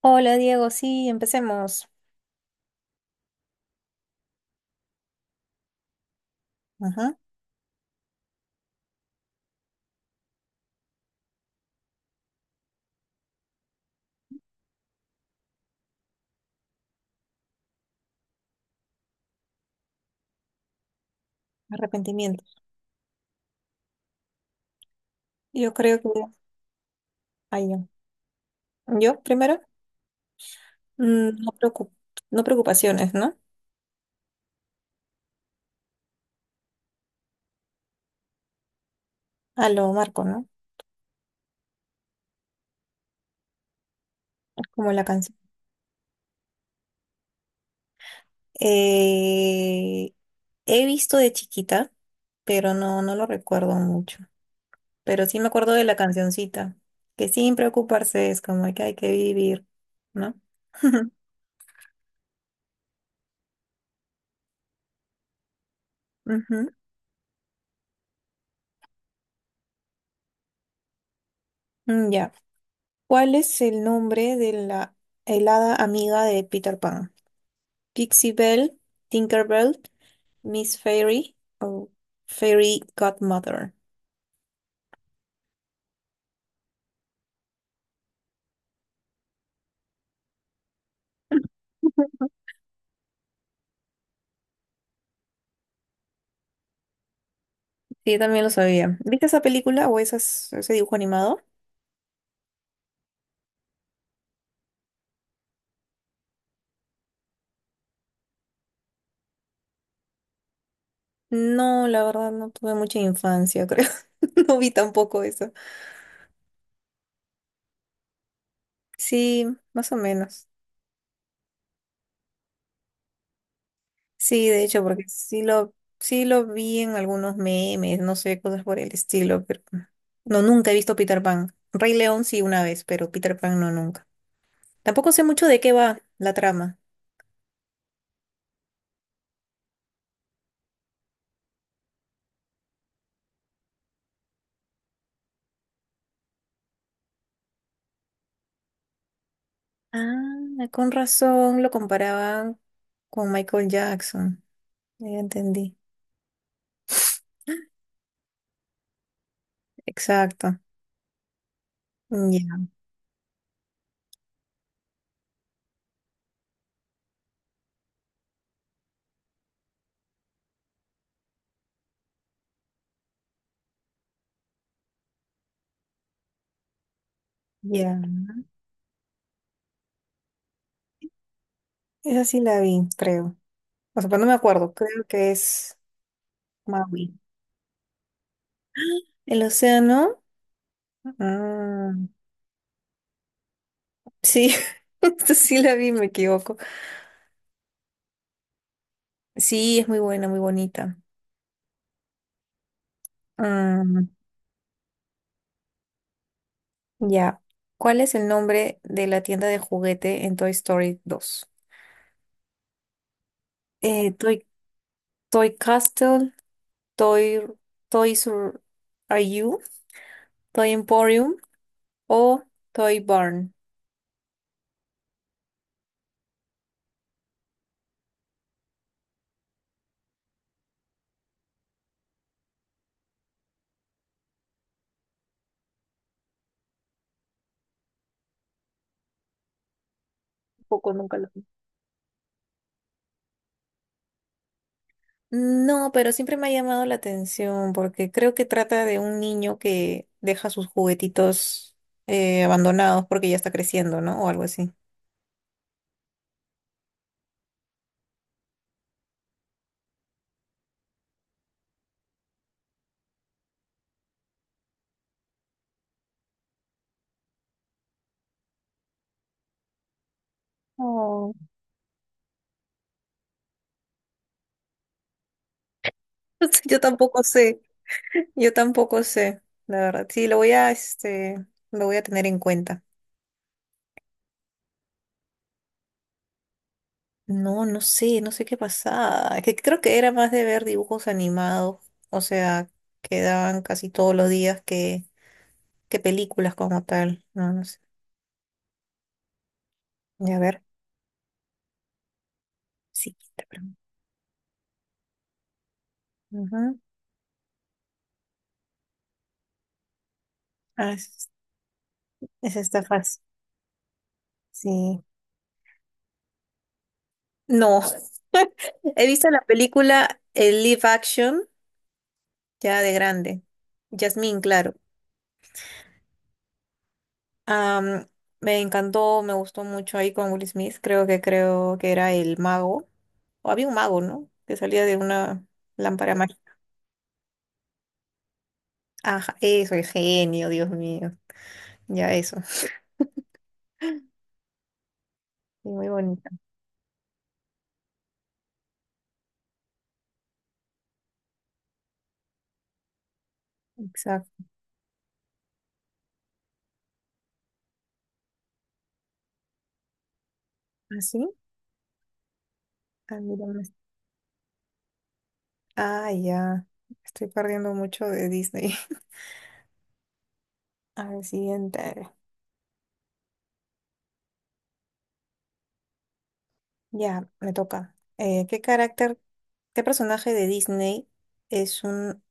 Hola Diego, sí, empecemos. Ajá, arrepentimiento. Yo creo que ahí yo. Yo primero, mm, no preocu- no preocupaciones, ¿no? A lo Marco, ¿no? Como la canción. Eh, he visto de chiquita, pero no, no lo recuerdo mucho. Pero sí me acuerdo de la cancioncita, que sin preocuparse es como que hay que vivir, ¿no? Ujú. Ya. ¿Cuál es el nombre de la helada amiga de Peter Pan? Pixie Belle, Tinkerbell, Miss Fairy o Fairy Godmother. Sí, también lo sabía. ¿Viste esa película o ese dibujo animado? No, la verdad no tuve mucha infancia, creo. No vi tampoco eso. Sí, más o menos. Sí, de hecho, porque sí lo vi en algunos memes, no sé, cosas por el estilo, pero no, nunca he visto Peter Pan. Rey León sí una vez, pero Peter Pan no nunca. Tampoco sé mucho de qué va la trama. Ah, con razón lo comparaban con Michael Jackson. Ya entendí. Exacto. Ya, ya. Esa sí la vi, creo. O sea, pero no me acuerdo. Creo que es Maui. El océano. Ah, sí, esta sí la vi, me equivoco. Sí, es muy buena, muy bonita. Mm, ya. ¿Cuál es el nombre de la tienda de juguete en Toy Story 2? Eh, Toy, Toy Castle, Toy, Toys R Are You, Toy Emporium o Toy Barn. Poco nunca lo vi. No, pero siempre me ha llamado la atención porque creo que trata de un niño que deja sus juguetitos abandonados porque ya está creciendo, ¿no? O algo así. Oh, Yo tampoco sé, yo tampoco sé, la verdad. Sí, lo voy a tener en cuenta. No, no sé, no sé qué pasaba. Que creo que era más de ver dibujos animados, o sea, que daban casi todos los días que películas como tal. No, no sé. Y a ver, siguiente pregunta. Ujú. Ah, es esta fácil. Sí. No, he visto la película el live action ya de grande. Jasmine, claro. Am, me encantó, me gustó mucho ahí con Will Smith. Creo que era el mago. O había un mago, ¿no? Que salía de una lámpara. Ajá, eso, el genio, Dios mío. Ya eso. Sí, muy bonita. Exacto. ¿Así? Ah, mira, ah, ya. Estoy perdiendo mucho de Disney. A ver, siguiente. Ya, me toca. ¿Qué carácter, qué personaje de Disney es un,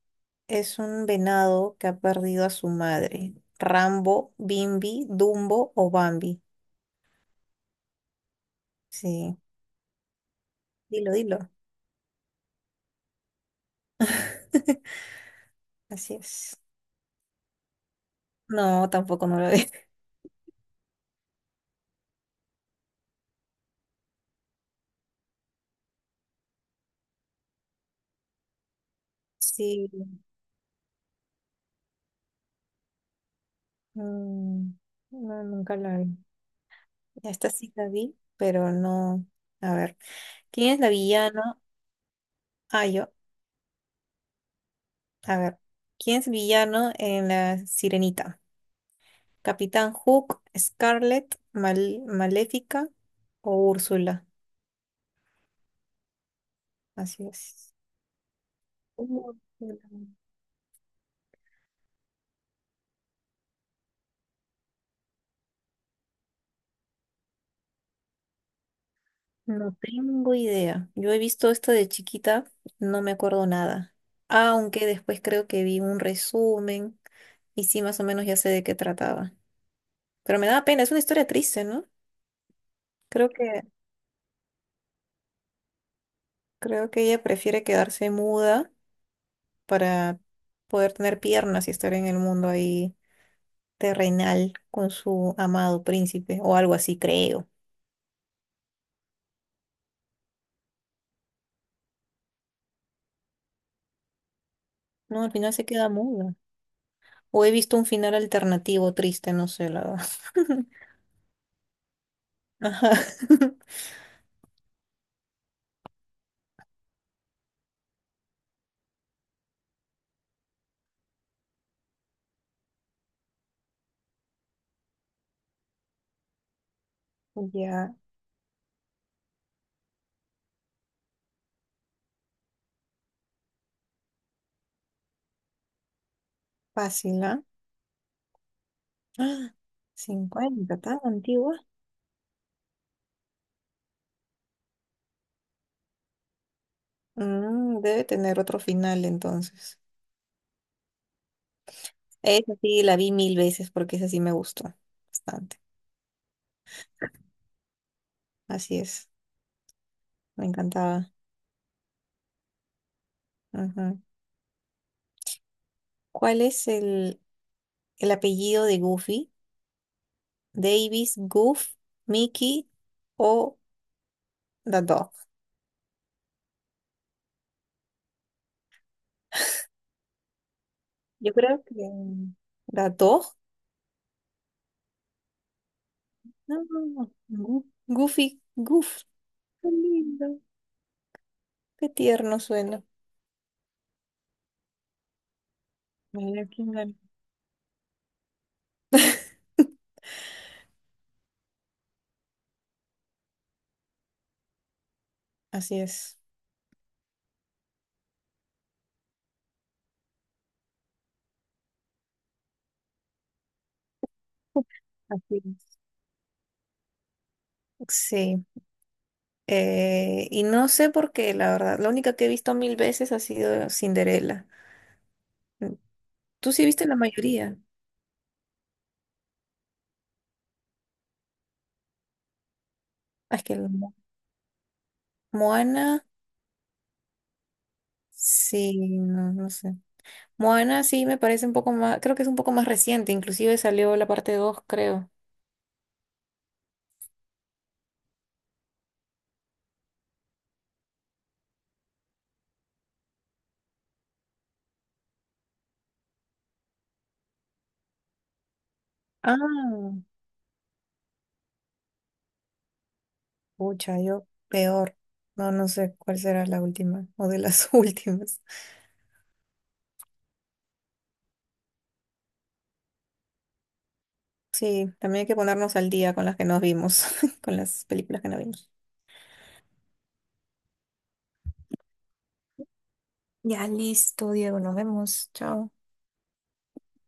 es un venado que ha perdido a su madre? ¿Rambo, Bimbi, Dumbo o Bambi? Sí, dilo, dilo. Así es. No, tampoco no lo es. Sí, Mm, no, nunca la vi. Esta sí la vi, pero no. A ver, ¿quién es la villana? Ah, yo. A ver, ¿quién es villano en La Sirenita? ¿Capitán Hook, Scarlett, Maléfica o Úrsula? Así es. Úrsula. No tengo idea. Yo he visto esto de chiquita, no me acuerdo nada. Aunque después creo que vi un resumen y sí, más o menos ya sé de qué trataba. Pero me da pena, es una historia triste, ¿no? Creo que, creo que ella prefiere quedarse muda para poder tener piernas y estar en el mundo ahí terrenal con su amado príncipe o algo así, creo. No, al final se queda muda. O he visto un final alternativo triste, no sé, la verdad. Ajá. Ya, fácil, ¿ah? ¡Ah! 50, tan antigua. Debe tener otro final entonces. Esa sí, la vi mil veces porque esa sí me gustó bastante. Así es, me encantaba. Ajá. ¿Cuál es el apellido de Goofy? ¿Davis, Goof, Mickey o The Dog? Yo creo que The Dog. No, no, no. Goofy, Goof. Qué lindo. Qué tierno suena. Mira quién ganó. Así es. Así es. Sí. Y no sé por qué, la verdad. La única que he visto mil veces ha sido Cinderella. Mm, ¿Tú sí viste la mayoría? Ah, es que la Moana. Sí, no, no sé. Moana sí me parece un poco más, creo que es un poco más reciente, inclusive salió la parte dos, creo. Ah, pucha, yo peor. No, no sé cuál será la última o de las últimas. Sí, también hay que ponernos al día con las que nos vimos, con las películas que no vimos. Ya listo, Diego, nos vemos. Chao.